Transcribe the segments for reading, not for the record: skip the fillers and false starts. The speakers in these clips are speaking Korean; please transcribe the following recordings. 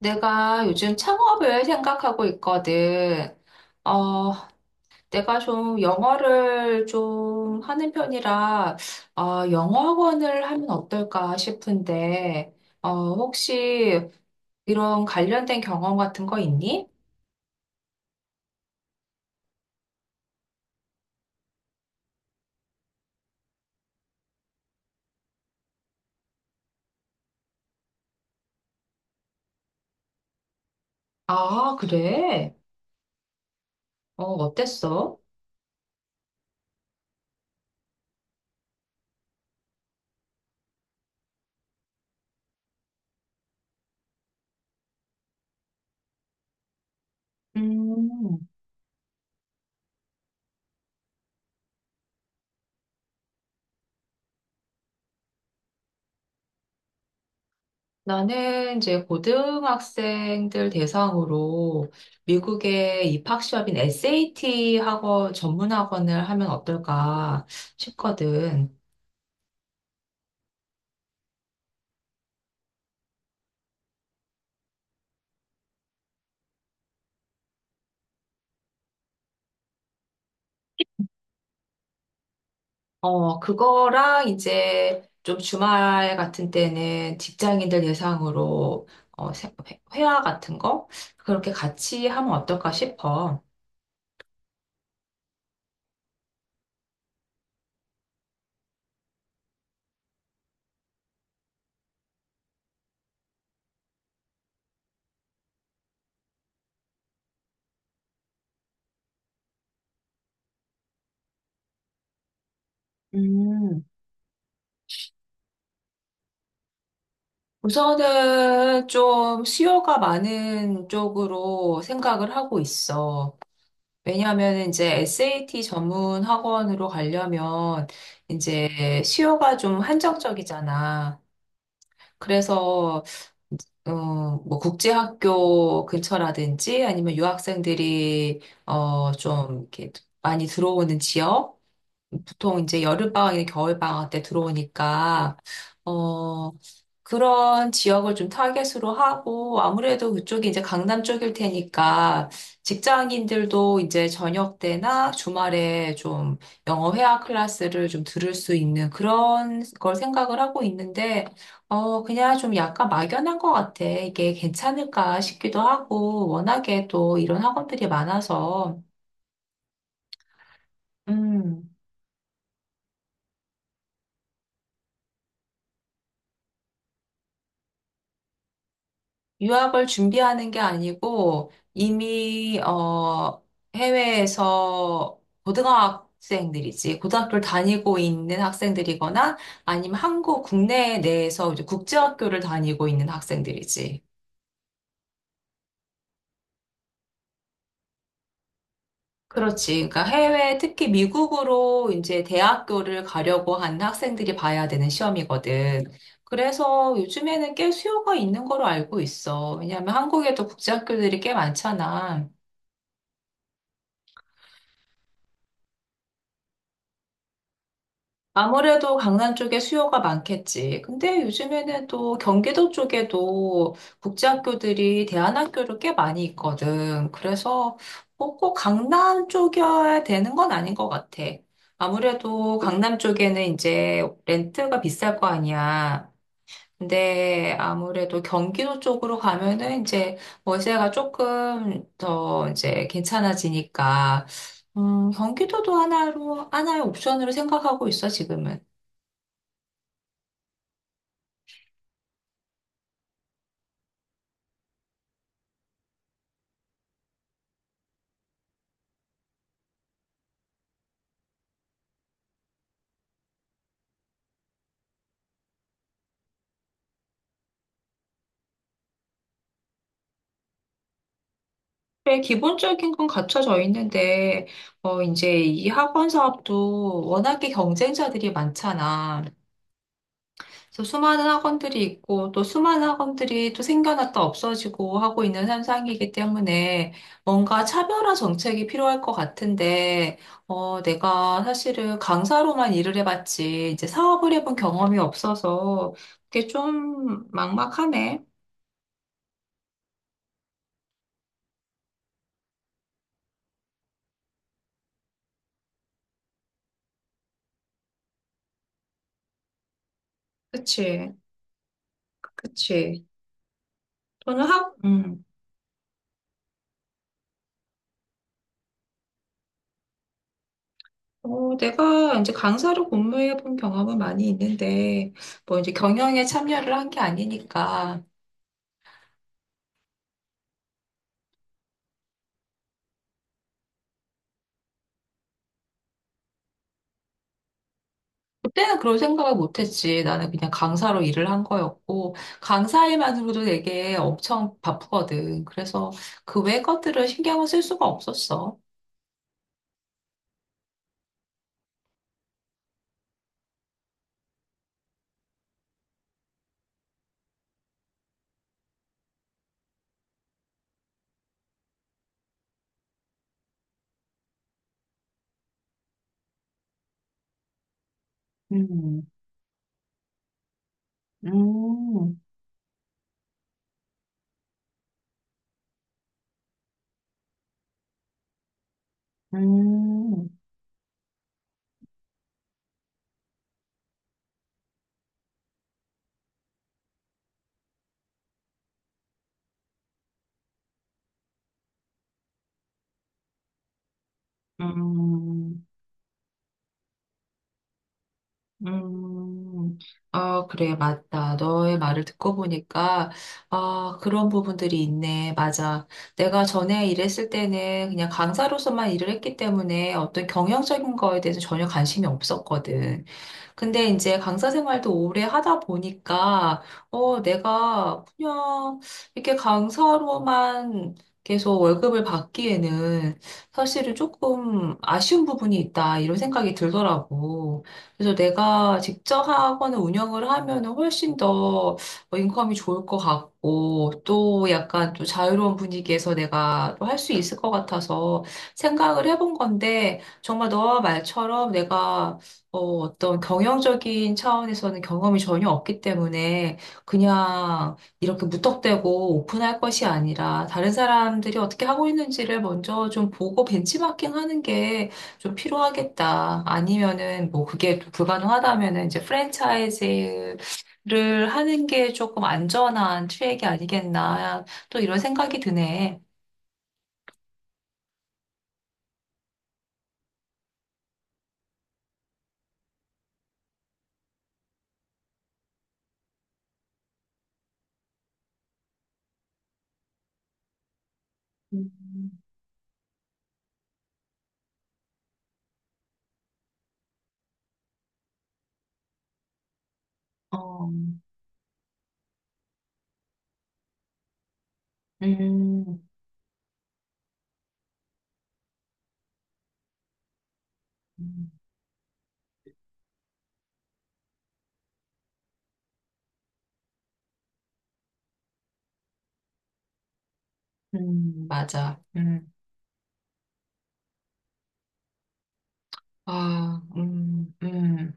내가 요즘 창업을 생각하고 있거든. 어, 내가 좀 영어를 좀 하는 편이라, 영어 학원을 하면 어떨까 싶은데, 어, 혹시 이런 관련된 경험 같은 거 있니? 아, 그래? 어땠어? 음. 나는 이제 고등학생들 대상으로 미국의 입학 시험인 SAT 학원 전문 학원을 하면 어떨까 싶거든. 그거랑 이제 좀 주말 같은 때는 직장인들 대상으로 회화 같은 거 그렇게 같이 하면 어떨까 싶어. 음, 우선은 좀 수요가 많은 쪽으로 생각을 하고 있어. 왜냐하면 이제 SAT 전문 학원으로 가려면 이제 수요가 좀 한정적이잖아. 그래서 어, 뭐 국제학교 근처라든지 아니면 유학생들이 좀 이렇게 많이 들어오는 지역 보통 이제 여름방학이나 겨울방학 때 들어오니까, 어, 그런 지역을 좀 타겟으로 하고, 아무래도 그쪽이 이제 강남 쪽일 테니까, 직장인들도 이제 저녁 때나 주말에 좀 영어 회화 클래스를 좀 들을 수 있는 그런 걸 생각을 하고 있는데, 그냥 좀 약간 막연한 것 같아. 이게 괜찮을까 싶기도 하고, 워낙에 또 이런 학원들이 많아서, 음. 유학을 준비하는 게 아니고 이미 해외에서 고등학생들이지 고등학교를 다니고 있는 학생들이거나 아니면 한국 국내 내에서 이제 국제학교를 다니고 있는 학생들이지. 그렇지. 그러니까 해외 특히 미국으로 이제 대학교를 가려고 하는 학생들이 봐야 되는 시험이거든. 그래서 요즘에는 꽤 수요가 있는 걸로 알고 있어. 왜냐하면 한국에도 국제학교들이 꽤 많잖아. 아무래도 강남 쪽에 수요가 많겠지. 근데 요즘에는 또 경기도 쪽에도 국제학교들이 대안학교로 꽤 많이 있거든. 그래서 뭐꼭 강남 쪽이어야 되는 건 아닌 것 같아. 아무래도 강남 쪽에는 이제 렌트가 비쌀 거 아니야. 근데 아무래도 경기도 쪽으로 가면은 이제 월세가 조금 더 이제 괜찮아지니까, 경기도도 하나의 옵션으로 생각하고 있어, 지금은. 네, 기본적인 건 갖춰져 있는데, 이제 이 학원 사업도 워낙에 경쟁자들이 많잖아. 그래서 수많은 학원들이 있고, 또 수많은 학원들이 또 생겨났다 없어지고 하고 있는 현상이기 때문에 뭔가 차별화 정책이 필요할 것 같은데, 내가 사실은 강사로만 일을 해봤지, 이제 사업을 해본 경험이 없어서 그게 좀 막막하네. 그치, 그치. 또는 학, 음. 어, 내가 이제 강사로 근무해 본 경험은 많이 있는데, 뭐 이제 경영에 참여를 한 게 아니니까, 그때는 그런 생각을 못 했지. 나는 그냥 강사로 일을 한 거였고, 강사 일만으로도 되게 엄청 바쁘거든. 그래서 그 외 것들을 신경을 쓸 수가 없었어. 음, 음. 음. 음, 그래, 맞다. 너의 말을 듣고 보니까, 아, 그런 부분들이 있네. 맞아. 내가 전에 일했을 때는 그냥 강사로서만 일을 했기 때문에 어떤 경영적인 거에 대해서 전혀 관심이 없었거든. 근데 이제 강사 생활도 오래 하다 보니까, 내가 그냥 이렇게 강사로만 계속 월급을 받기에는 사실은 조금 아쉬운 부분이 있다. 이런 생각이 들더라고. 그래서 내가 직접 하거나 운영을 하면은 훨씬 더 뭐 인컴이 좋을 것 같고 또 약간 또 자유로운 분위기에서 내가 또 할 수 있을 것 같아서 생각을 해본 건데 정말 너와 말처럼 내가 어떤 경영적인 차원에서는 경험이 전혀 없기 때문에 그냥 이렇게 무턱대고 오픈할 것이 아니라 다른 사람들이 어떻게 하고 있는지를 먼저 좀 보고 벤치마킹 하는 게 좀 필요하겠다. 아니면은 뭐 그게 또 불가능하다면은 이제 프랜차이즈를 하는 게 조금 안전한 트랙이 아니겠나. 또 이런 생각이 드네. 음. 어, 음, 음, 맞아. 아, 음, 음,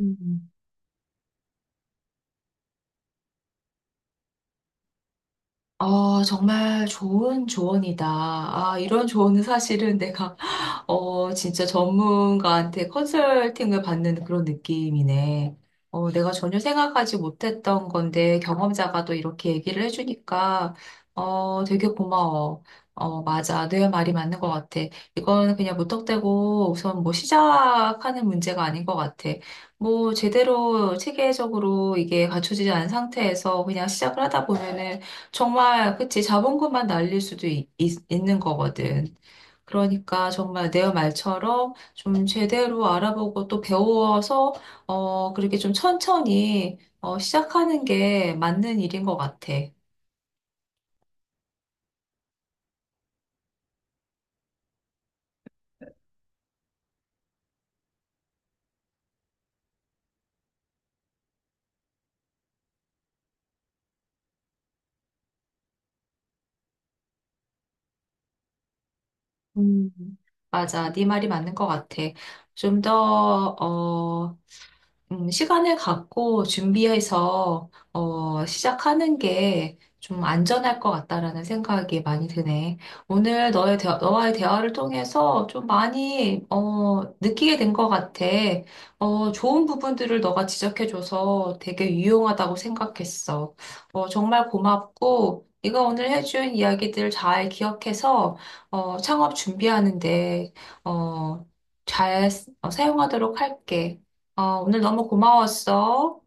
음. 정말 좋은 조언이다. 아, 이런 조언은 사실은 내가 진짜 전문가한테 컨설팅을 받는 그런 느낌이네. 어, 내가 전혀 생각하지 못했던 건데 경험자가 또 이렇게 얘기를 해주니까 되게 고마워. 어, 맞아. 네 말이 맞는 것 같아. 이건 그냥 무턱대고 우선 뭐 시작하는 문제가 아닌 것 같아. 뭐 제대로 체계적으로 이게 갖춰지지 않은 상태에서 그냥 시작을 하다 보면은 정말, 그치, 자본금만 날릴 수도 있는 거거든. 그러니까 정말 내 말처럼 좀 제대로 알아보고 또 배워서 그렇게 좀 천천히 시작하는 게 맞는 일인 것 같아. 음. 맞아, 네 말이 맞는 것 같아. 좀더어 시간을 갖고 준비해서 시작하는 게 좀 안전할 것 같다라는 생각이 많이 드네. 오늘 너와의 대화를 통해서 좀 많이 느끼게 된 것 같아. 좋은 부분들을 너가 지적해줘서 되게 유용하다고 생각했어. 정말 고맙고 네가 오늘 해준 이야기들 잘 기억해서 어, 창업 준비하는데 어, 사용하도록 할게. 어, 오늘 너무 고마웠어.